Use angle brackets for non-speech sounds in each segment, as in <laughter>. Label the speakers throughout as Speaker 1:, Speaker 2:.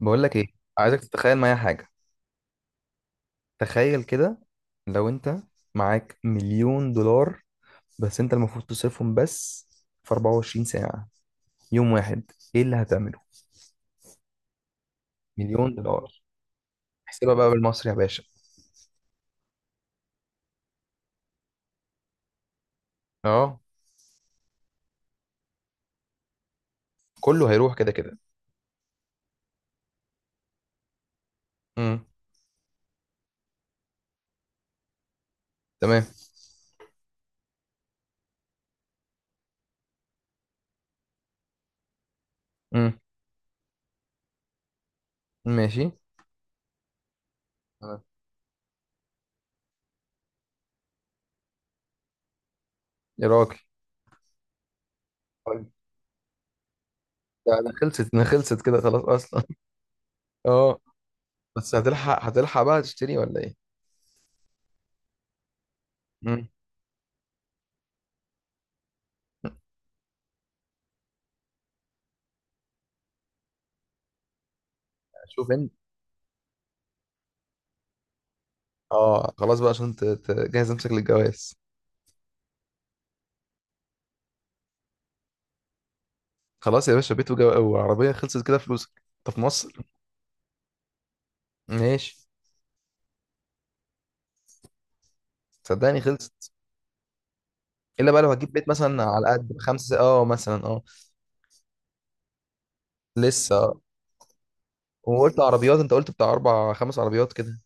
Speaker 1: بقول لك ايه، عايزك تتخيل معايا حاجه. تخيل كده، لو انت معاك مليون دولار بس انت المفروض تصرفهم بس في 24 ساعه، يوم واحد. ايه اللي هتعمله؟ مليون دولار. احسبها بقى بالمصري يا باشا. اه، كله هيروح كده كده. امم. تمام. امم. ماشي. تمام. يا راجل. طيب. ده خلصت، ده خلصت كده خلاص اصلا. <laughs> اه. بس هتلحق بقى تشتري ولا ايه؟ امم. شوف انت. اه، خلاص بقى عشان تجهز نفسك للجواز. خلاص يا باشا، بيت وعربية، خلصت كده فلوسك. انت في مصر. ماشي. صدقني خلصت. الا بقى لو هتجيب بيت مثلا على قد خمسة، اه مثلا اه. لسه آه. وقلت عربيات، انت قلت بتاع اربع خمس عربيات كده.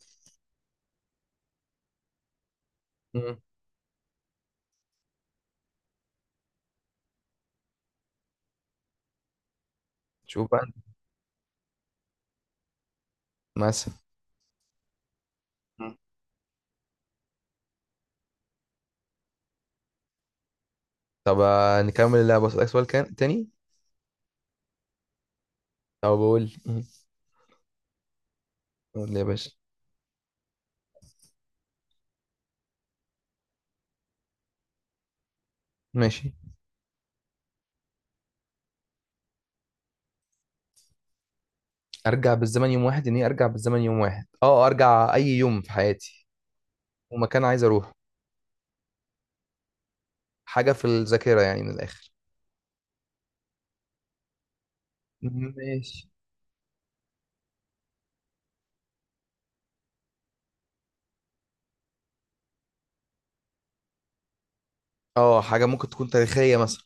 Speaker 1: مم. شوف بقى انت مثلا. مم. طب، نكمل اللعبة، اسألك سؤال كان تاني. او بقول لي مم. قول لي يا باشا. ماشي. ارجع بالزمن يوم واحد، يعني ايه ارجع بالزمن يوم واحد؟ اه، ارجع اي يوم في حياتي ومكان عايز اروح؟ حاجة في الذاكرة يعني، من الاخر. ماشي. اه، حاجة ممكن تكون تاريخية مثلا.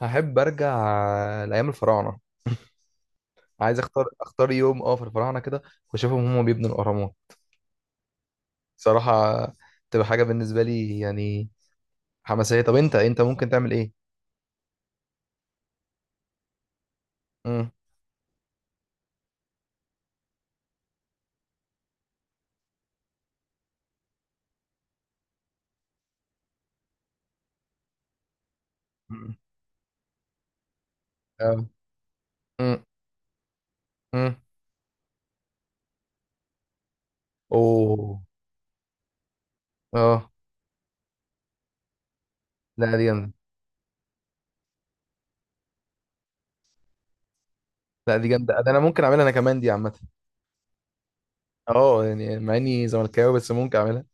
Speaker 1: هحب ارجع لايام الفراعنه. عايز اختار يوم اه في الفراعنه كده، واشوفهم هم بيبنوا الاهرامات. صراحه تبقى حاجه بالنسبه لي يعني حماسيه. طب انت ممكن تعمل ايه؟ امم. اه. امم. امم. اوه. اه. لا دي جامده. لا دي جامده، ده انا ممكن اعملها انا كمان، دي عامه. اه، يعني مع اني زملكاوي بس ممكن اعملها.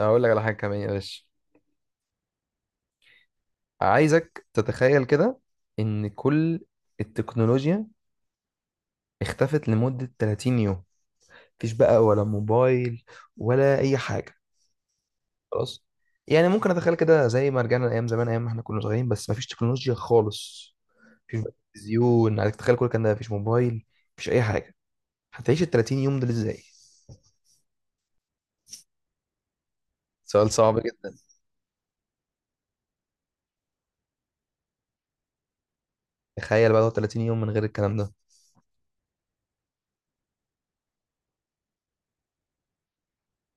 Speaker 1: هقول لك على حاجه كمان يا باشا. عايزك تتخيل كده ان كل التكنولوجيا اختفت لمده 30 يوم. مفيش بقى ولا موبايل ولا اي حاجه خلاص. يعني ممكن اتخيل كده زي ما رجعنا لايام زمان، ايام ما احنا كنا صغيرين بس مفيش تكنولوجيا خالص. مفيش بقى تلفزيون، عليك تتخيل كل الكلام ده، مفيش موبايل، مفيش اي حاجه. هتعيش ال 30 يوم دول ازاي؟ سؤال صعب جدا. تخيل بقى لو 30 يوم من غير الكلام ده.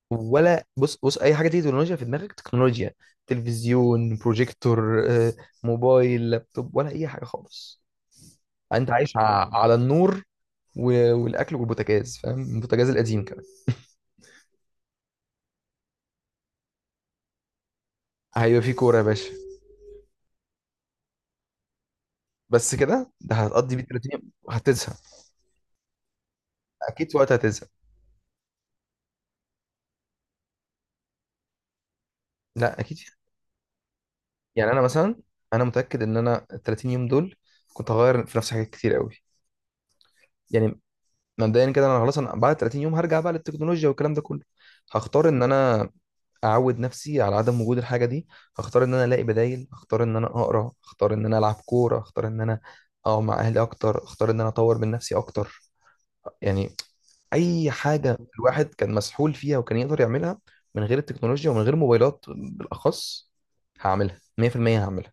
Speaker 1: ولا بص بص، اي حاجه تيجي تكنولوجيا في دماغك، تكنولوجيا، تلفزيون، بروجيكتور، موبايل، لابتوب، ولا اي حاجه خالص. انت عايش على النور والاكل والبوتاجاز، فاهم البوتاجاز القديم كمان. هيبقى في كوره يا باشا. بس كده، ده هتقضي بيه 30 يوم، هتزهق. اكيد في وقت هتزهق. لا اكيد يعني انا مثلا، انا متاكد ان انا ال 30 يوم دول كنت هغير في نفسي حاجات كتير قوي. يعني مبدئيا كده، انا خلاص انا بعد 30 يوم هرجع بقى للتكنولوجيا والكلام ده كله. هختار ان انا اعود نفسي على عدم وجود الحاجه دي، هختار ان انا الاقي بدايل، هختار ان انا اقرا، هختار ان انا العب كوره، هختار ان انا اقعد مع اهلي اكتر، هختار ان انا اطور من نفسي اكتر. يعني اي حاجه الواحد كان مسحول فيها وكان يقدر يعملها من غير التكنولوجيا ومن غير موبايلات بالاخص، هعملها 100%، هعملها.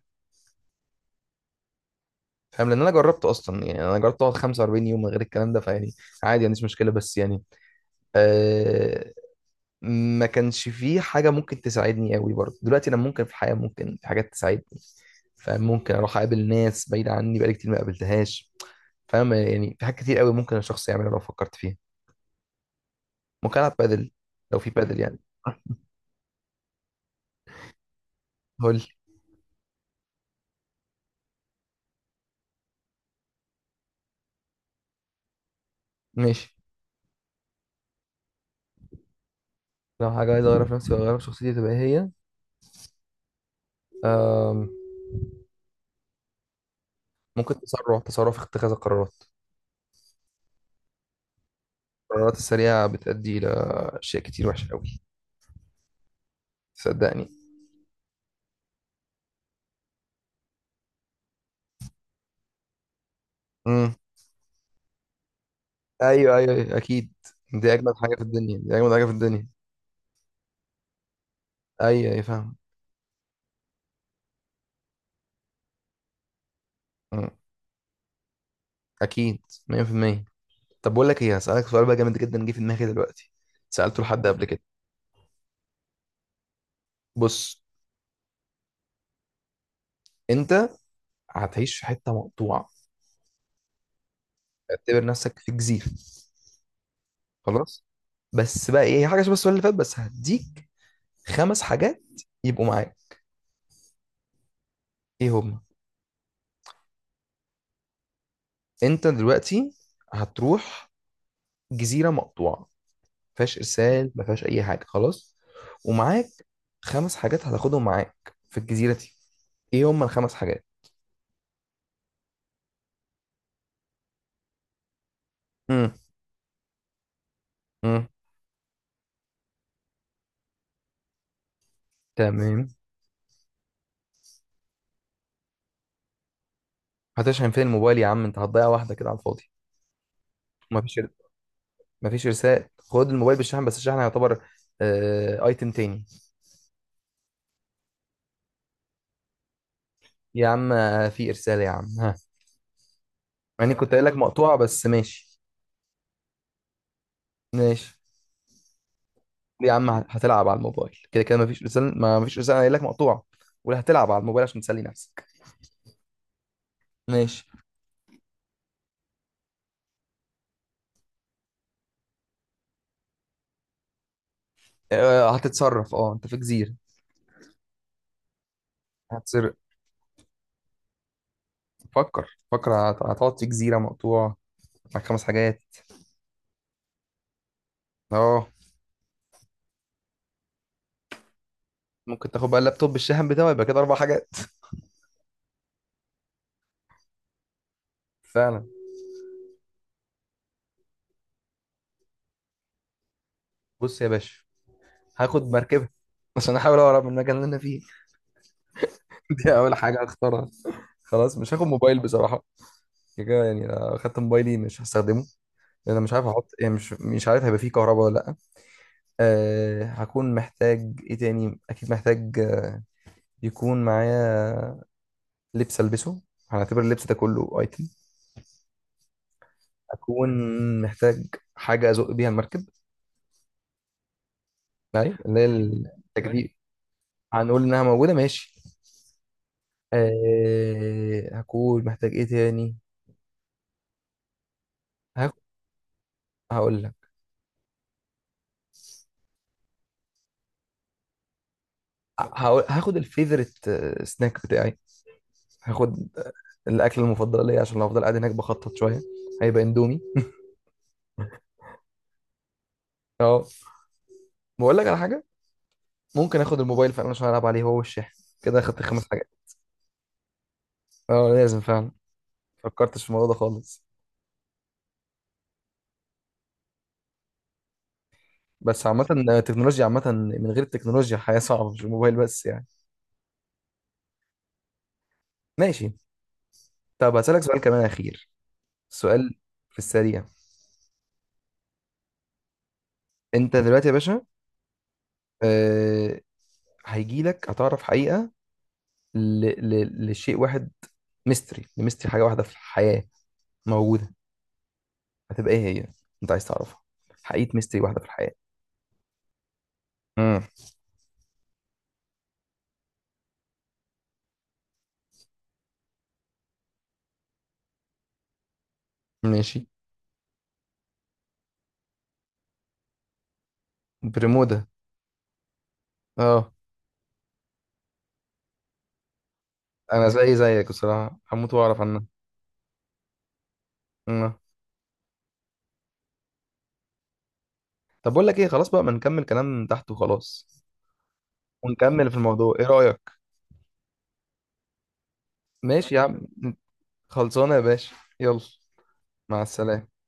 Speaker 1: فاهم، لان انا جربت اصلا. يعني انا جربت اقعد 45 يوم من غير الكلام ده. فيعني عادي، ما عنديش مشكله، بس يعني آه، ما كانش فيه حاجه ممكن تساعدني قوي برضه، دلوقتي انا ممكن في الحياه ممكن في حاجات تساعدني. فممكن اروح اقابل ناس بعيده عني بقالي كتير ما قابلتهاش. فاهم، يعني في حاجات كتير قوي ممكن الشخص يعملها لو فكرت فيها. ممكن العب بادل، لو في بادل يعني. قول لي. ماشي. لو حاجة عايز أغيرها في نفسي وأغيرها في شخصيتي، تبقى إيه هي؟ أم، ممكن تسرع في اتخاذ القرارات. القرارات السريعة بتؤدي لأشياء كتير وحشة أوي. صدقني. امم. أيوه أيوه أيوه، أكيد. دي أجمل حاجة في الدنيا، دي أجمل حاجة في الدنيا. أيوه أيوه فاهم. مم. أكيد. 100%. طب بقول لك إيه، هسألك سؤال بقى جامد جدا جه في دماغي دلوقتي، سألته لحد قبل كده. بص. أنت هتعيش في حتة مقطوعة، اعتبر نفسك في جزيرة. خلاص. بس بقى إيه هي، حاجة شبه السؤال اللي فات، بس هديك خمس حاجات يبقوا معاك، ايه هم؟ انت دلوقتي هتروح جزيره مقطوعه ما فيهاش ارسال، ما فيهاش اي حاجه خلاص. ومعاك خمس حاجات هتاخدهم معاك في الجزيره دي، ايه هم الخمس حاجات؟ امم. امم. تمام. هتشحن فين الموبايل يا عم، انت هتضيع واحده كده على الفاضي. ما فيش ما فيش ارسال. خد الموبايل بالشحن، بس الشحن يعتبر ايتم تاني. يا عم في ارسال يا عم، ها. يعني كنت قايل لك مقطوعه بس ماشي. ماشي يا عم، هتلعب على الموبايل كده كده؟ مفيش رسالة، ما مفيش رسالة قايل لك مقطوعة. ولا هتلعب على الموبايل عشان تسلي نفسك؟ ماشي. هتتصرف، اه انت في جزيرة. هتصر فكر فكر، هتقعد في جزيرة مقطوع، معاك خمس حاجات. اه، ممكن تاخد بقى اللابتوب بالشاحن بتاعه يبقى كده اربع حاجات. فعلا. بص يا باشا، هاخد مركبة <laughs> عشان احاول اهرب من المكان اللي انا فيه. <laughs> دي اول حاجة هختارها. خلاص مش هاخد موبايل بصراحة، كده يعني اخدت موبايلي مش هستخدمه، لان انا مش عارف احط، يعني مش عارف هيبقى فيه كهرباء ولا لا. هكون محتاج ايه تاني؟ اكيد محتاج، يكون معايا لبس، البسه، هنعتبر اللبس ده كله ايتم. اكون محتاج حاجه ازق بيها المركب، يعني اللي هي تمام التجديف. هنقول انها موجوده ماشي. هكون محتاج ايه تاني؟ هاخ- هقول لك. هاخد الفيفوريت سناك بتاعي، هاخد الاكل المفضل ليا عشان لو افضل قاعد هناك بخطط شويه، هيبقى اندومي. اه. بقول لك على حاجه، ممكن اخد الموبايل فعلا عشان العب عليه، هو والشاحن، كده اخدت خمس حاجات. اه لازم فعلا، فكرتش في الموضوع ده خالص. بس عامة التكنولوجيا عامة، من غير التكنولوجيا الحياة صعبة، مش الموبايل بس يعني. ماشي. طب هسألك سؤال كمان أخير، سؤال في السريع. أنت دلوقتي يا باشا، آه هيجيلك هتعرف حقيقة لشيء واحد، لميستري حاجة واحدة في الحياة موجودة، هتبقى إيه هي؟ أنت عايز تعرفها، حقيقة ميستري واحدة في الحياة. امم. ماشي. برمودا. اه. انا زي زيك بصراحه، هموت واعرف عنها. مم. طب بقول لك ايه، خلاص بقى ما نكمل كلام تحت وخلاص ونكمل في الموضوع، ايه رايك؟ ماشي يا عم. خلصانه يا باشا يلا. مع السلامه.